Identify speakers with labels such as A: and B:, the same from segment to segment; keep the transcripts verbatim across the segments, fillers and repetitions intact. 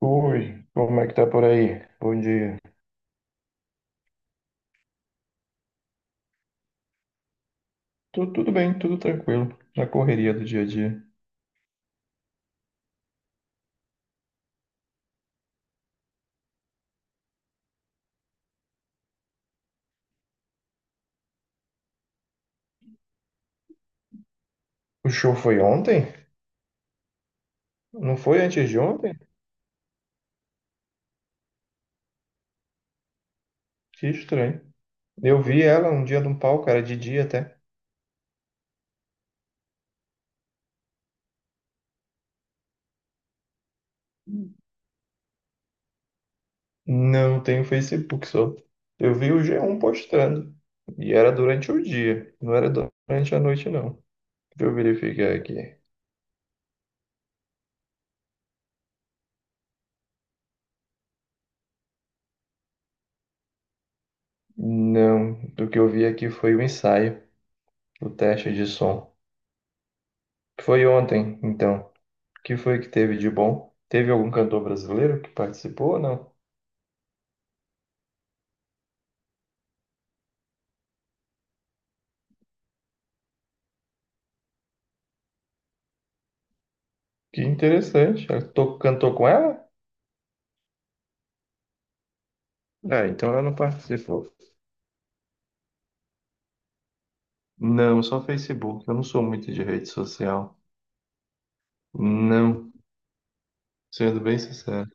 A: Oi, como é que tá por aí? Bom dia. Tu- tudo bem, tudo tranquilo, na correria do dia a dia. O show foi ontem? Não foi antes de ontem? Que estranho. Eu vi ela um dia num palco, era de dia até. Não tenho Facebook só. Eu vi o G um postando. E era durante o dia, não era durante a noite, não. Deixa eu verificar aqui. Não, o que eu vi aqui foi o ensaio, o teste de som. Foi ontem, então. Que foi que teve de bom? Teve algum cantor brasileiro que participou ou não? Que interessante. Ela to- cantou com ela? Ah, então ela não participou. Não, só Facebook. Eu não sou muito de rede social. Não, sendo bem sincero.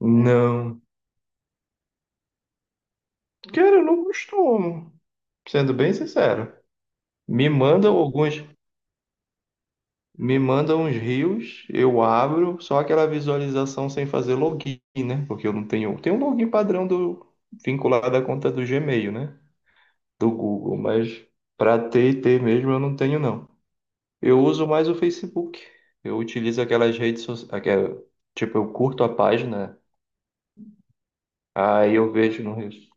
A: Não. Cara, eu não costumo. Sendo bem sincero. Me mandam alguns, Me mandam uns rios, eu abro, só aquela visualização sem fazer login, né? Porque eu não tenho, tem um login padrão do vinculado à conta do Gmail, né? Do Google, mas para T e ter mesmo eu não tenho não. Eu uso mais o Facebook. Eu utilizo aquelas redes sociais, tipo, eu curto a página, aí eu vejo no resto.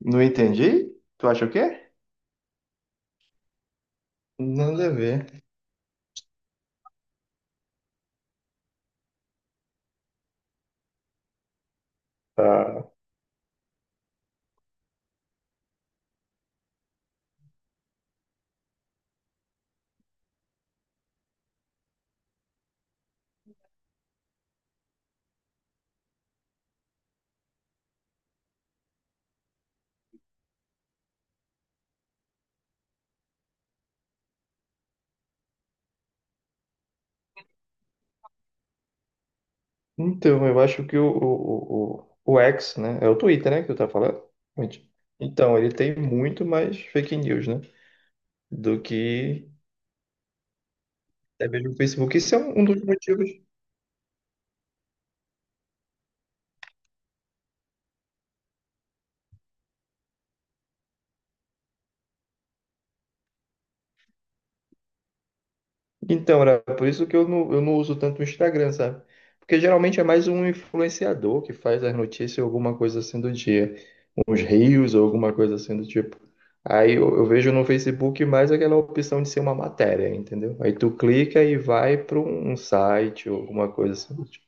A: Não entendi? Tu acha o quê? Nada a ver. Ah, então, eu acho que o, o, o, o o X, né? É o Twitter, né? Que tu tá falando? Gente, então, ele tem muito mais fake news, né? Do que até mesmo o Facebook. Isso é um um dos motivos. Então, era por isso que eu não, eu não uso tanto o Instagram, sabe? Porque geralmente é mais um influenciador que faz as notícias ou alguma coisa assim do dia. Uns reels ou alguma coisa assim do tipo. Aí eu, eu vejo no Facebook mais aquela opção de ser uma matéria, entendeu? Aí tu clica e vai para um um site ou alguma coisa assim do tipo.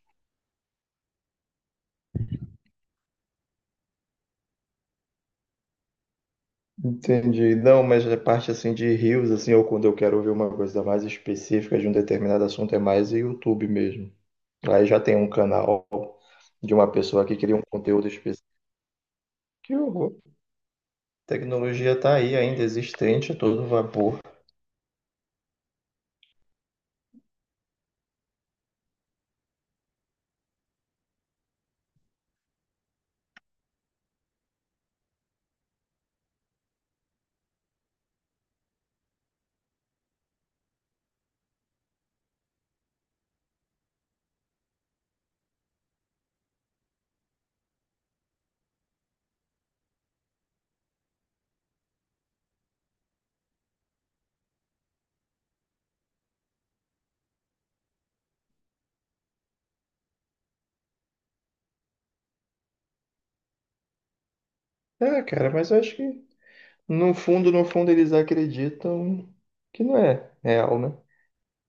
A: Entendi. Não, mas a parte assim de reels, assim, ou quando eu quero ouvir uma coisa mais específica de um determinado assunto, é mais o YouTube mesmo. Aí já tem um canal de uma pessoa que cria um conteúdo específico. Que horror. Tecnologia tá aí ainda existente, a todo vapor. É, cara, mas eu acho que no fundo, no fundo, eles acreditam que não é real, né? O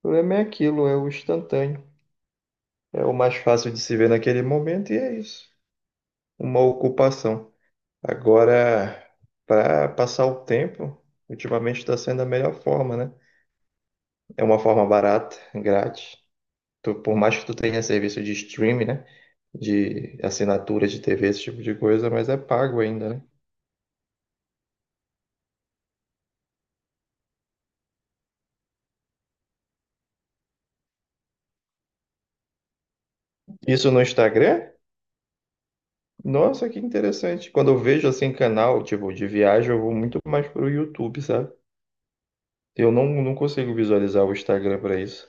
A: problema é aquilo, é o instantâneo. É o mais fácil de se ver naquele momento e é isso. Uma ocupação. Agora, para passar o tempo, ultimamente está sendo a melhor forma, né? É uma forma barata, grátis. Tu- por mais que tu tenha serviço de streaming, né? De assinatura de T V, esse tipo de coisa, mas é pago ainda, né? Isso no Instagram? Nossa, que interessante. Quando eu vejo assim canal, tipo, de viagem, eu vou muito mais pro YouTube, sabe? Eu não, Não consigo visualizar o Instagram para isso.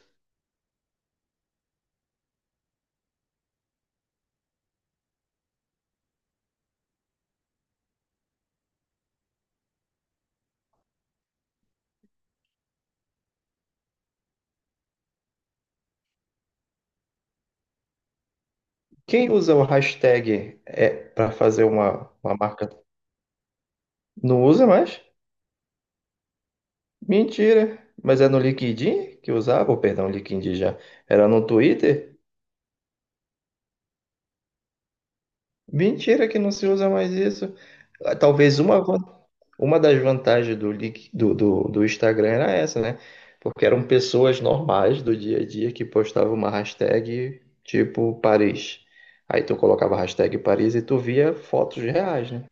A: Quem usa o hashtag é para fazer uma, uma marca? Não usa mais? Mentira. Mas é no LinkedIn que usava? Oh, perdão, LinkedIn já. Era no Twitter? Mentira que não se usa mais isso. Ah, talvez uma, van- uma das vantagens do, Link- do, do, do Instagram era essa, né? Porque eram pessoas normais do dia a dia que postavam uma hashtag tipo Paris. Aí tu colocava a hashtag Paris e tu via fotos reais, né?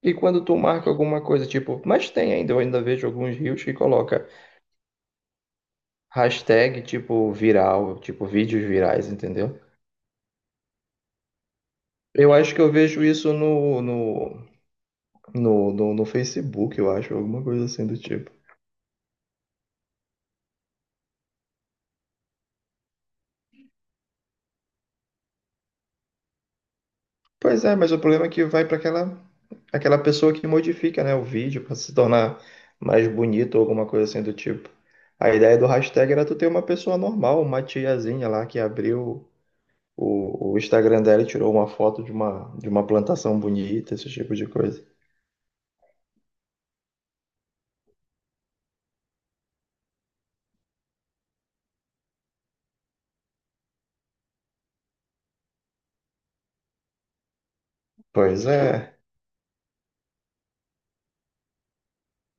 A: E quando tu marca alguma coisa, tipo, mas tem ainda, eu ainda vejo alguns reels que coloca hashtag tipo viral, tipo vídeos virais, entendeu? Eu acho que eu vejo isso no, no, No, no, no Facebook, eu acho, alguma coisa assim do tipo. Pois é, mas o problema é que vai para aquela, aquela pessoa que modifica, né, o vídeo para se tornar mais bonito ou alguma coisa assim do tipo. A ideia do hashtag era tu ter uma pessoa normal, uma tiazinha lá que abriu o, o Instagram dela e tirou uma foto de uma, de uma plantação bonita, esse tipo de coisa. Pois é,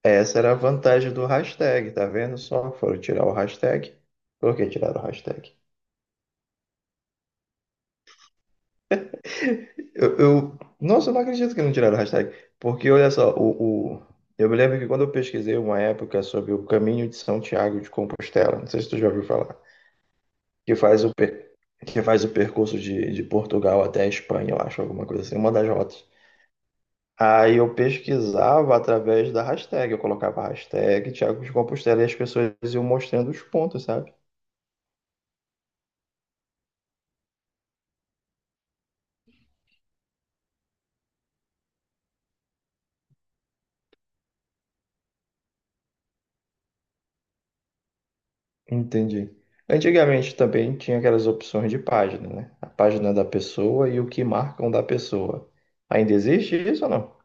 A: essa era a vantagem do hashtag, tá vendo só? Foram tirar o hashtag. Por que tiraram o hashtag? Eu, eu- nossa, eu não acredito que não tiraram a hashtag. Porque olha só, o, o- eu me lembro que quando eu pesquisei uma época sobre o caminho de São Tiago de Compostela, não sei se tu já ouviu falar, que faz o, per- que faz o percurso de, de Portugal até a Espanha, eu acho, alguma coisa assim, uma das rotas. Aí eu pesquisava através da hashtag, eu colocava a hashtag Tiago de Compostela e as pessoas iam mostrando os pontos, sabe? Entendi. Antigamente também tinha aquelas opções de página, né? A página da pessoa e o que marcam da pessoa. Ainda existe isso ou não?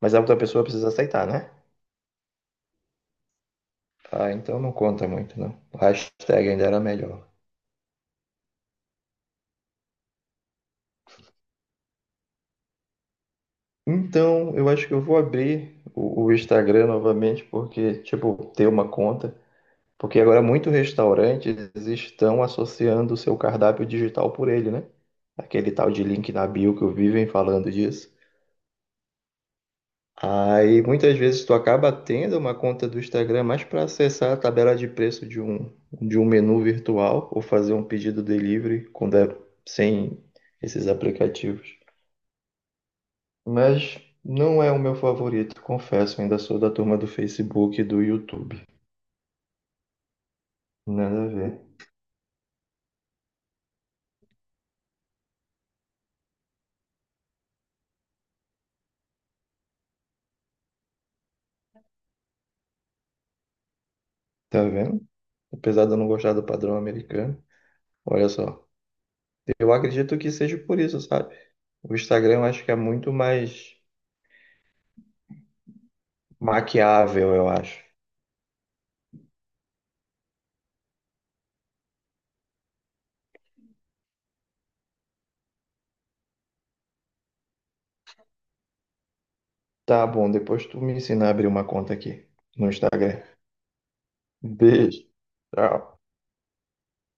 A: Mas a outra pessoa precisa aceitar, né? Ah, então não conta muito, não. O hashtag ainda era melhor. Então, eu acho que eu vou abrir o, o Instagram novamente, porque, tipo, ter uma conta. Porque agora muitos restaurantes estão associando o seu cardápio digital por ele, né? Aquele tal de link na bio que eu vivem falando disso. Aí muitas vezes tu acaba tendo uma conta do Instagram mais para acessar a tabela de preço de um, de um menu virtual ou fazer um pedido delivery quando é sem esses aplicativos. Mas não é o meu favorito, confesso, ainda sou da turma do Facebook e do YouTube. Nada a ver. Tá vendo? Apesar de eu não gostar do padrão americano. Olha só, eu acredito que seja por isso, sabe? O Instagram eu acho que é muito mais maquiável, eu acho. Tá bom, depois tu me ensina a abrir uma conta aqui no Instagram. Beijo. Tchau.